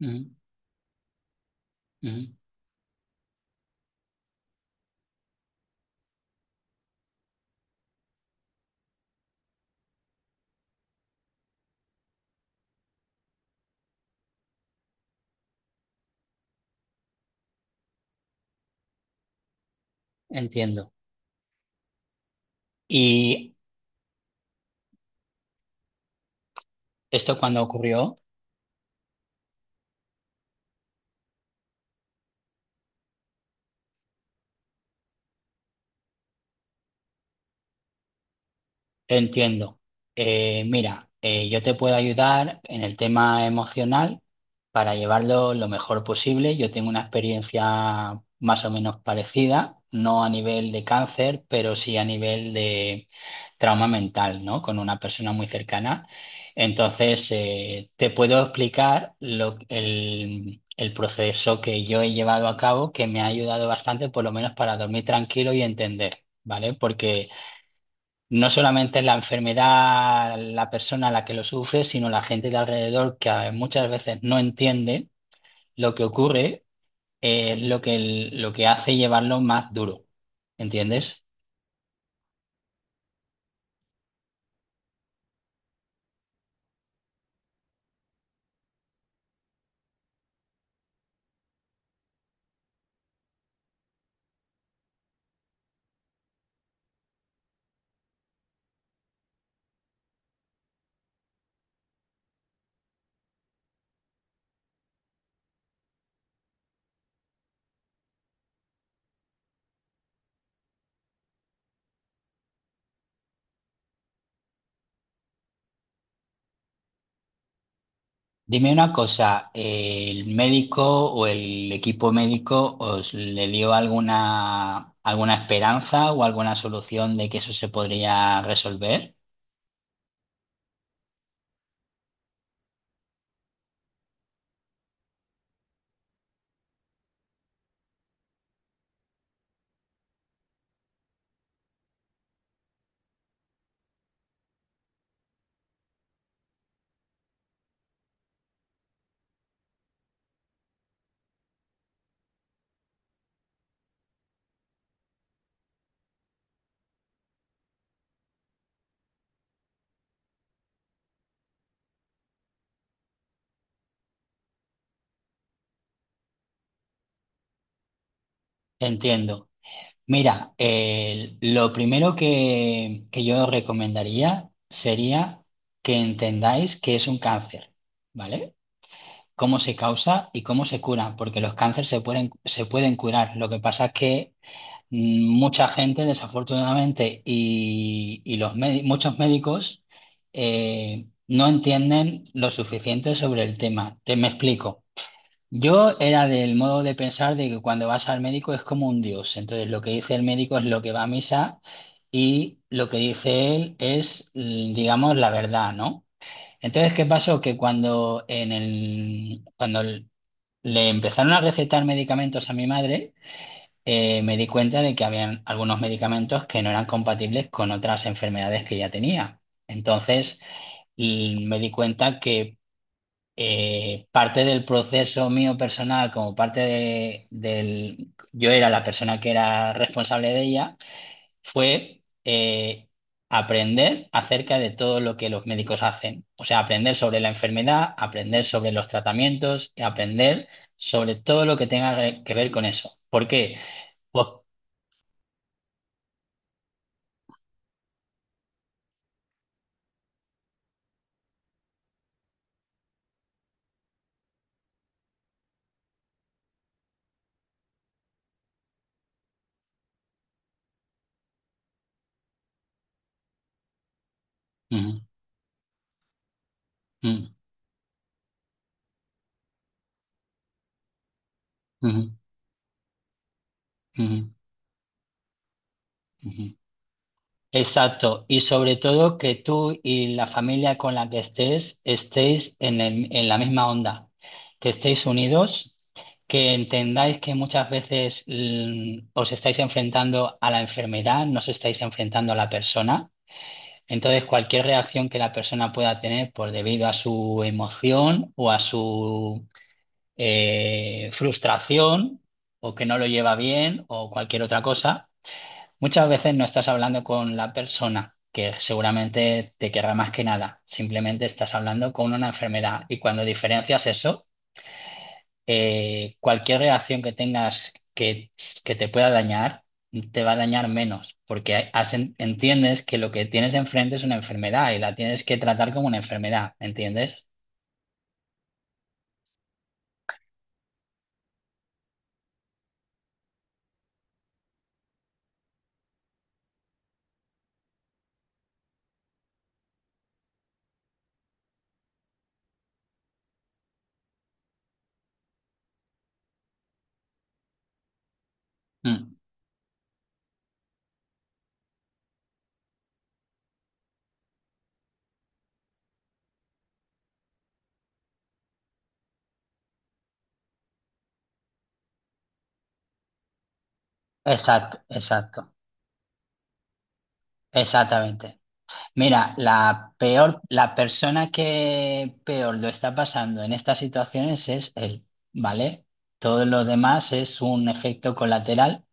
Ujú, ujú. Entiendo. Y esto cuando ocurrió, entiendo. Mira, yo te puedo ayudar en el tema emocional, para llevarlo lo mejor posible. Yo tengo una experiencia más o menos parecida, no a nivel de cáncer, pero sí a nivel de trauma mental, ¿no? Con una persona muy cercana. Entonces, te puedo explicar el proceso que yo he llevado a cabo, que me ha ayudado bastante, por lo menos para dormir tranquilo y entender, ¿vale? Porque no solamente es la enfermedad, la persona a la que lo sufre, sino la gente de alrededor que muchas veces no entiende lo que ocurre, es lo que, lo que hace llevarlo más duro, ¿entiendes? Dime una cosa, ¿el médico o el equipo médico os le dio alguna, alguna esperanza o alguna solución de que eso se podría resolver? Entiendo. Mira, lo primero que yo recomendaría sería que entendáis que es un cáncer, ¿vale? Cómo se causa y cómo se cura, porque los cánceres se pueden curar. Lo que pasa es que mucha gente, desafortunadamente, y muchos médicos no entienden lo suficiente sobre el tema. Te me explico. Yo era del modo de pensar de que cuando vas al médico es como un dios. Entonces, lo que dice el médico es lo que va a misa y lo que dice él es, digamos, la verdad, ¿no? Entonces, ¿qué pasó? Que cuando en el, cuando le empezaron a recetar medicamentos a mi madre, me di cuenta de que habían algunos medicamentos que no eran compatibles con otras enfermedades que ya tenía. Entonces, y me di cuenta que parte del proceso mío personal, como parte de, del... Yo era la persona que era responsable de ella fue aprender acerca de todo lo que los médicos hacen. O sea, aprender sobre la enfermedad, aprender sobre los tratamientos y aprender sobre todo lo que tenga que ver con eso. ¿Por qué? Pues- Ujú, ujú, ujú, ujú, ujú. Exacto, y sobre todo que tú y la familia con la que estés estéis en la misma onda, que estéis unidos, que entendáis que muchas veces os estáis enfrentando a la enfermedad, no os estáis enfrentando a la persona. Entonces, cualquier reacción que la persona pueda tener por debido a su emoción o a su frustración o que no lo lleva bien o cualquier otra cosa, muchas veces no estás hablando con la persona que seguramente te querrá más que nada, simplemente estás hablando con una enfermedad. Y cuando diferencias eso, cualquier reacción que tengas que te pueda dañar, te va a dañar menos, porque entiendes que lo que tienes enfrente es una enfermedad y la tienes que tratar como una enfermedad, ¿entiendes? Mm. Exacto, exacto, exactamente. Mira, la peor, la persona que peor lo está pasando en estas situaciones es él, ¿vale? Todo lo demás es un efecto colateral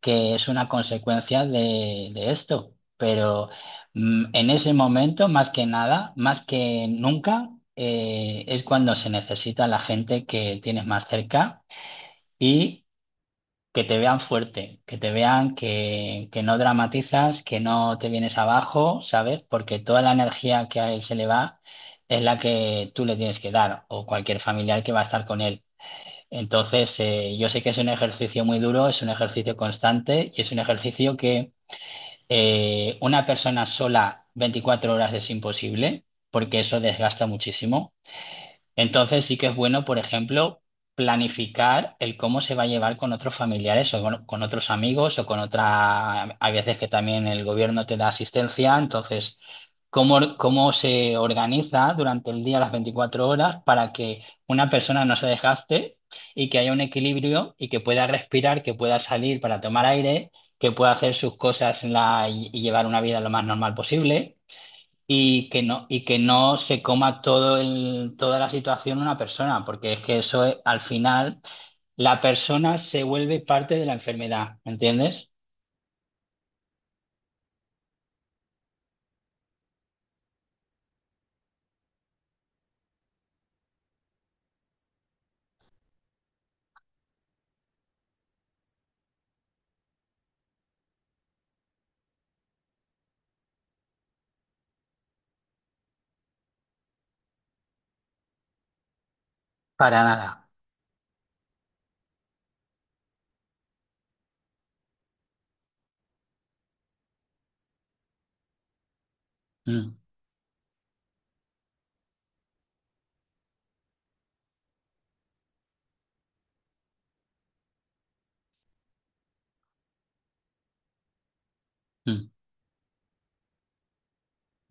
que es una consecuencia de esto. Pero en ese momento, más que nada, más que nunca, es cuando se necesita la gente que tienes más cerca y que te vean fuerte, que te vean que no dramatizas, que no te vienes abajo, ¿sabes? Porque toda la energía que a él se le va es la que tú le tienes que dar, o cualquier familiar que va a estar con él. Entonces, yo sé que es un ejercicio muy duro, es un ejercicio constante y es un ejercicio que una persona sola 24 horas es imposible, porque eso desgasta muchísimo. Entonces sí que es bueno, por ejemplo, planificar el cómo se va a llevar con otros familiares o con otros amigos o con otra... Hay veces que también el gobierno te da asistencia. Entonces, cómo, cómo se organiza durante el día las 24 horas para que una persona no se desgaste y que haya un equilibrio y que pueda respirar, que pueda salir para tomar aire, que pueda hacer sus cosas y llevar una vida lo más normal posible. Y que no se coma todo el, toda la situación una persona, porque es que al final la persona se vuelve parte de la enfermedad, ¿me entiendes? Para nada. Mm, mm,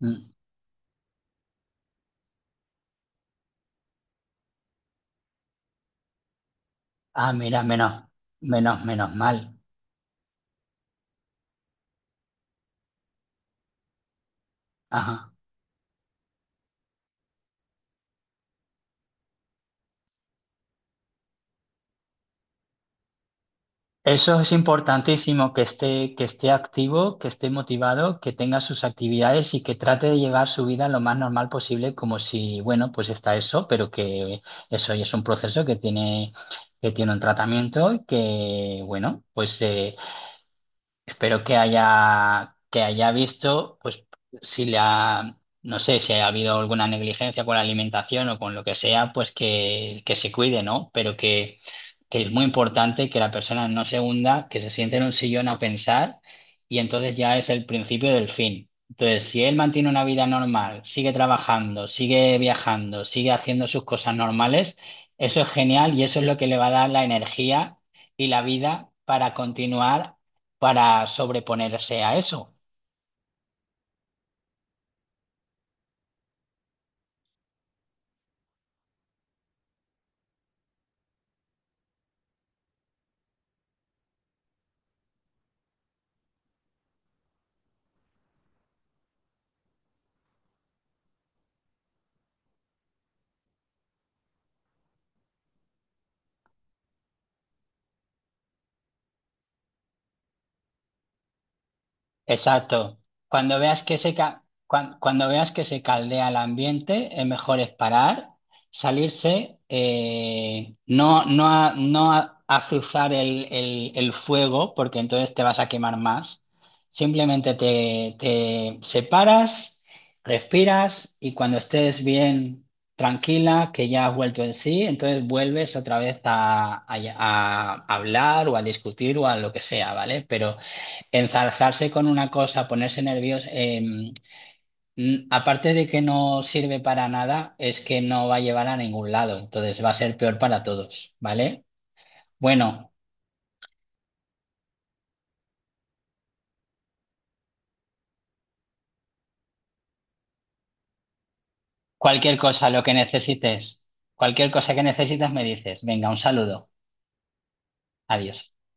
mm. Ah, mira, menos, menos, menos mal. Ajá. Eso es importantísimo, que esté activo, que esté motivado, que tenga sus actividades y que trate de llevar su vida lo más normal posible, como si, bueno, pues está eso, pero que eso ya es un proceso que tiene un tratamiento. Y que, bueno, pues espero que haya visto, pues, si le ha, no sé, si ha habido alguna negligencia con la alimentación o con lo que sea, pues que se cuide, ¿no? Pero que es muy importante que la persona no se hunda, que se siente en un sillón a pensar, y entonces ya es el principio del fin. Entonces, si él mantiene una vida normal, sigue trabajando, sigue viajando, sigue haciendo sus cosas normales, eso es genial y eso es lo que le va a dar la energía y la vida para continuar, para sobreponerse a eso. Exacto. Cuando veas que cuando veas que se caldea el ambiente, es mejor es parar, salirse, no, no, no azuzar el fuego, porque entonces te vas a quemar más. Simplemente te, te separas, respiras y cuando estés bien tranquila, que ya has vuelto en sí, entonces vuelves otra vez a, a hablar o a discutir o a lo que sea, ¿vale? Pero enzarzarse con una cosa, ponerse nervioso, aparte de que no sirve para nada, es que no va a llevar a ningún lado. Entonces va a ser peor para todos, ¿vale? Bueno, cualquier cosa, lo que necesites, cualquier cosa que necesitas me dices. Venga, un saludo. Adiós.